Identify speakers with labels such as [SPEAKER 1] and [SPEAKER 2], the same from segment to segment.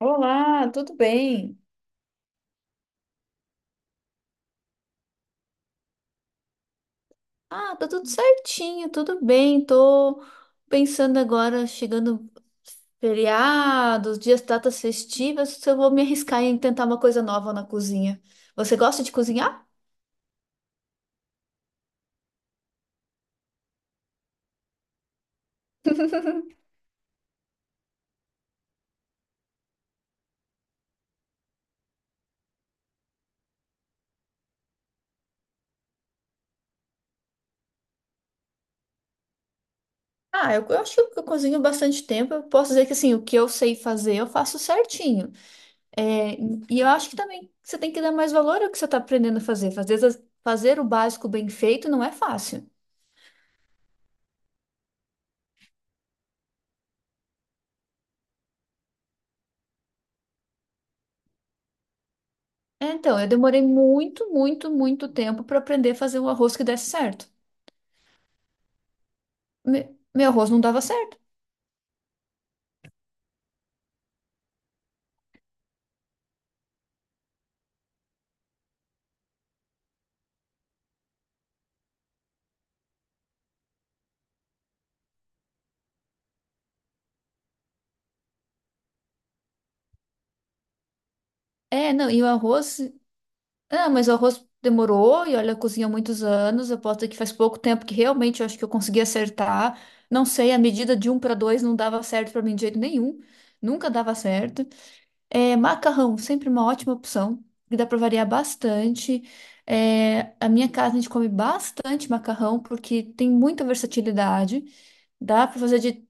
[SPEAKER 1] Olá, tudo bem? Ah, tá tudo certinho, tudo bem. Tô pensando agora, chegando feriados, dias, datas festivas, se eu vou me arriscar em tentar uma coisa nova na cozinha. Você gosta de cozinhar? Ah, eu acho que eu cozinho bastante tempo. Eu posso dizer que assim, o que eu sei fazer, eu faço certinho. É, e eu acho que também você tem que dar mais valor ao que você está aprendendo a fazer. Fazer o básico bem feito não é fácil. É, então, eu demorei muito, muito, muito tempo para aprender a fazer um arroz que desse certo. Me- Meu arroz não dava certo. É, não, e o arroz. Ah, mas o arroz demorou, e olha, eu cozinho há muitos anos. Eu posso dizer que faz pouco tempo que realmente eu acho que eu consegui acertar. Não sei, a medida de um para dois não dava certo para mim de jeito nenhum. Nunca dava certo. É, macarrão, sempre uma ótima opção, que dá para variar bastante. É, a minha casa a gente come bastante macarrão, porque tem muita versatilidade. Dá pra fazer de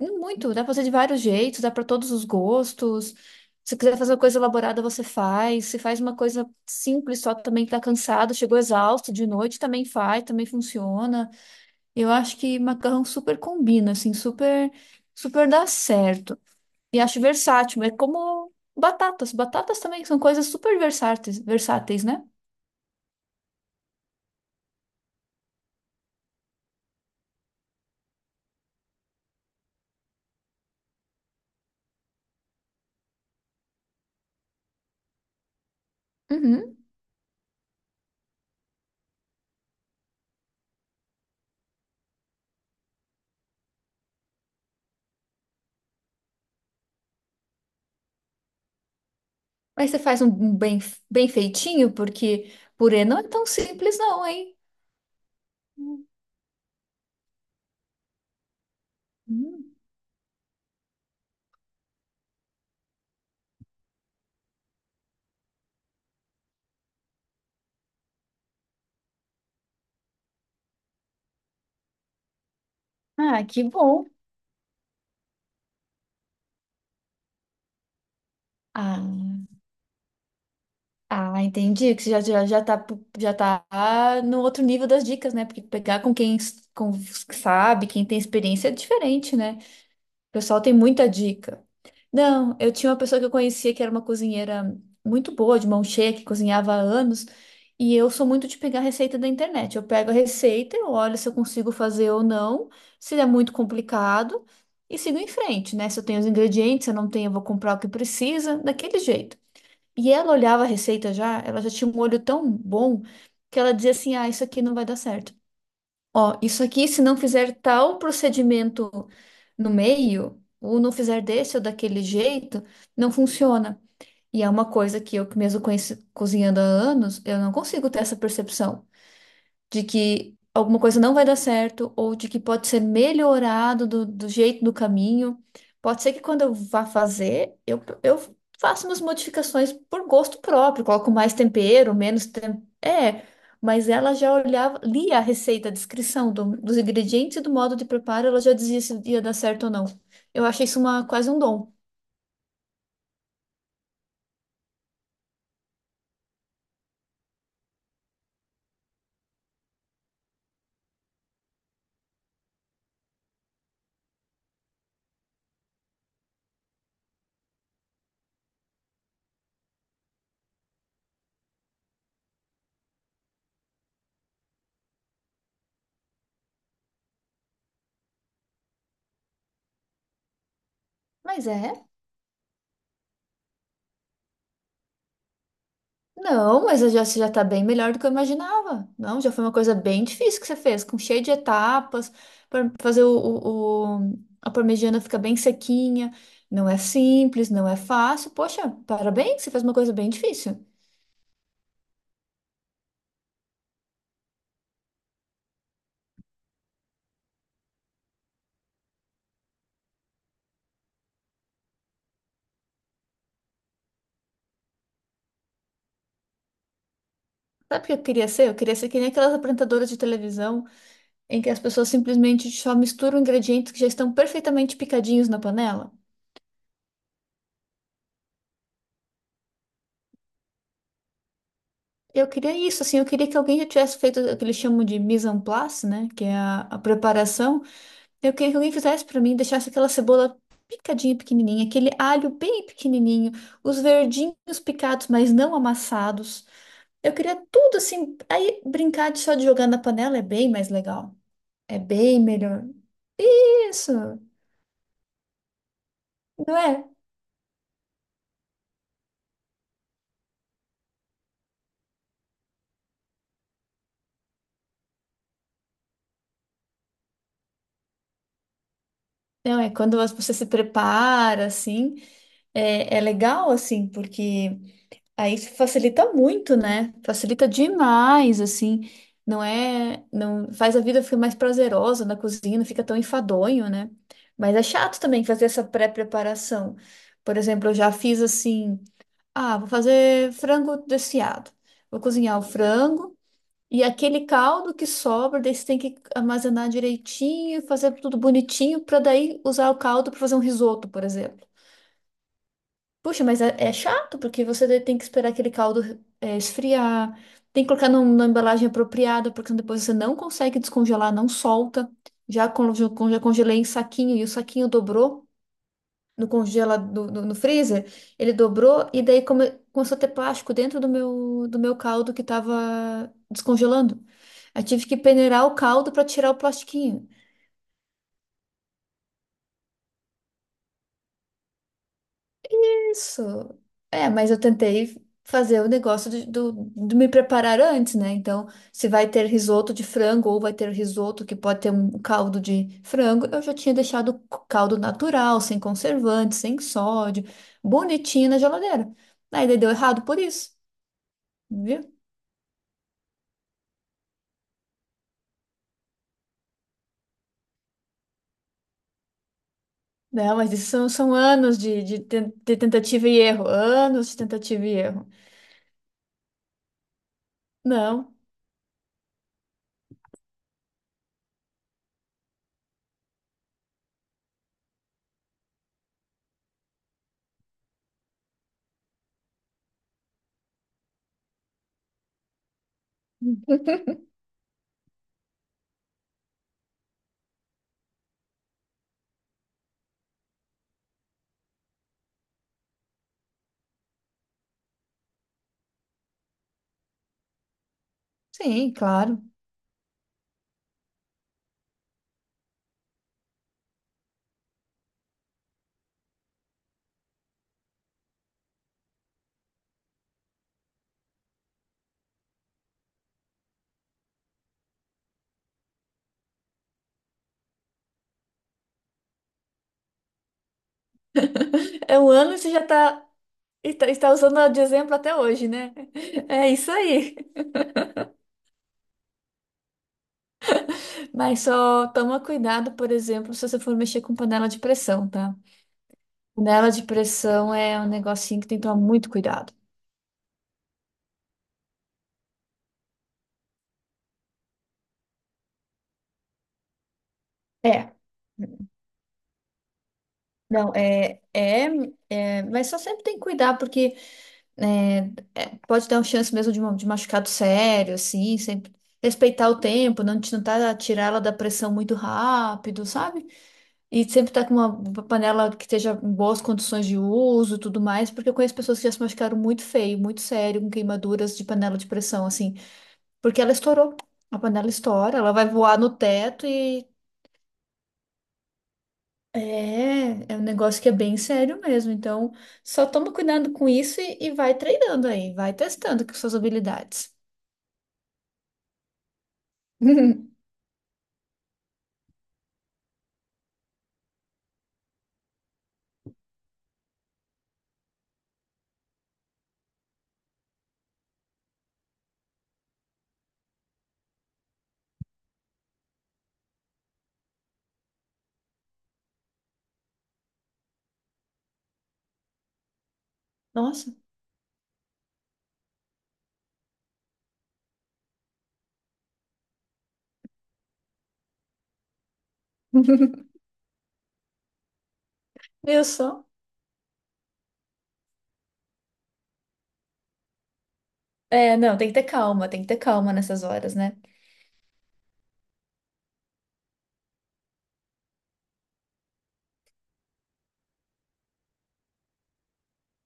[SPEAKER 1] dá pra fazer de vários jeitos, dá pra todos os gostos. Se quiser fazer uma coisa elaborada, você faz. Se faz uma coisa simples, só também tá cansado, chegou exausto de noite, também faz, também funciona. Eu acho que macarrão super combina, assim, super, super dá certo. E acho versátil, é como batatas. Batatas também são coisas super versáteis, versáteis, né? Uhum. Mas você faz um bem, bem feitinho, porque purê não é tão simples, não, hein? Hum. Ah, que bom. Ah, ah, entendi que você já tá, já tá no outro nível das dicas, né? Porque pegar com com os que sabe, quem tem experiência é diferente, né? O pessoal tem muita dica. Não, eu tinha uma pessoa que eu conhecia que era uma cozinheira muito boa, de mão cheia, que cozinhava há anos. E eu sou muito de pegar receita da internet. Eu pego a receita, eu olho se eu consigo fazer ou não, se é muito complicado, e sigo em frente, né? Se eu tenho os ingredientes, se eu não tenho, eu vou comprar o que precisa, daquele jeito. E ela olhava a receita já, ela já tinha um olho tão bom que ela dizia assim: ah, isso aqui não vai dar certo. Ó, isso aqui, se não fizer tal procedimento no meio, ou não fizer desse ou daquele jeito, não funciona. E é uma coisa que eu, que mesmo cozinhando há anos, eu não consigo ter essa percepção de que alguma coisa não vai dar certo ou de que pode ser melhorado do jeito do caminho. Pode ser que quando eu vá fazer, eu faço umas modificações por gosto próprio, coloco mais tempero, menos tempero. É, mas ela já olhava, lia a receita, a descrição dos ingredientes e do modo de preparo, ela já dizia se ia dar certo ou não. Eu achei isso uma, quase um dom. Mas é. Não, mas eu já, você já tá bem melhor do que eu imaginava. Não, já foi uma coisa bem difícil que você fez, com cheio de etapas, para fazer a parmegiana ficar bem sequinha. Não é simples, não é fácil. Poxa, parabéns, você fez uma coisa bem difícil. Sabe o que eu queria ser? Eu queria ser que nem aquelas apresentadoras de televisão em que as pessoas simplesmente só misturam ingredientes que já estão perfeitamente picadinhos na panela. Eu queria isso, assim, eu queria que alguém já tivesse feito o que eles chamam de mise en place, né? Que é a preparação. Eu queria que alguém fizesse pra mim, deixasse aquela cebola picadinha pequenininha, aquele alho bem pequenininho, os verdinhos picados, mas não amassados. Eu queria tudo assim. Aí brincar de só de jogar na panela é bem mais legal. É bem melhor. Isso, não é? Não é? Quando você se prepara assim, é, é legal assim, porque aí facilita muito, né? Facilita demais, assim. Não é, não faz a vida ficar mais prazerosa na cozinha, não fica tão enfadonho, né? Mas é chato também fazer essa pré-preparação. Por exemplo, eu já fiz assim, ah, vou fazer frango desfiado. Vou cozinhar o frango e aquele caldo que sobra, daí você tem que armazenar direitinho, fazer tudo bonitinho para daí usar o caldo para fazer um risoto, por exemplo. Puxa, mas é, é chato, porque você tem que esperar aquele caldo é, esfriar, tem que colocar numa embalagem apropriada, porque depois você não consegue descongelar, não solta. Já congelei em saquinho e o saquinho dobrou no no freezer, ele dobrou e daí começou a ter plástico dentro do meu caldo que estava descongelando. Eu tive que peneirar o caldo para tirar o plastiquinho. Isso. É, mas eu tentei fazer o negócio de me preparar antes, né? Então, se vai ter risoto de frango ou vai ter risoto que pode ter um caldo de frango, eu já tinha deixado o caldo natural, sem conservante, sem sódio, bonitinho na geladeira. Aí daí deu errado por isso, viu? Não, mas isso são, são anos de tentativa e erro, anos de tentativa e erro. Não. Sim, claro. É um ano e você já tá. E está usando de exemplo até hoje, né? É isso aí. Mas só toma cuidado, por exemplo, se você for mexer com panela de pressão, tá? Panela de pressão é um negocinho que tem que tomar muito cuidado. É. Não, mas só sempre tem que cuidar, porque é, pode dar uma chance mesmo de machucado sério, assim, sempre respeitar o tempo, não, tirar ela da pressão muito rápido, sabe? E sempre tá com uma panela que esteja em boas condições de uso e tudo mais, porque eu conheço pessoas que já se machucaram muito feio, muito sério, com queimaduras de panela de pressão, assim, porque ela estourou. A panela estoura, ela vai voar no teto e é um negócio que é bem sério mesmo. Então, só toma cuidado com isso e vai treinando aí, vai testando com suas habilidades. Nossa, viu só? É, não, tem que ter calma, tem que ter calma nessas horas, né?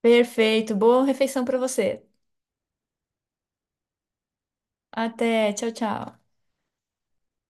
[SPEAKER 1] Perfeito, boa refeição pra você. Até, tchau, tchau.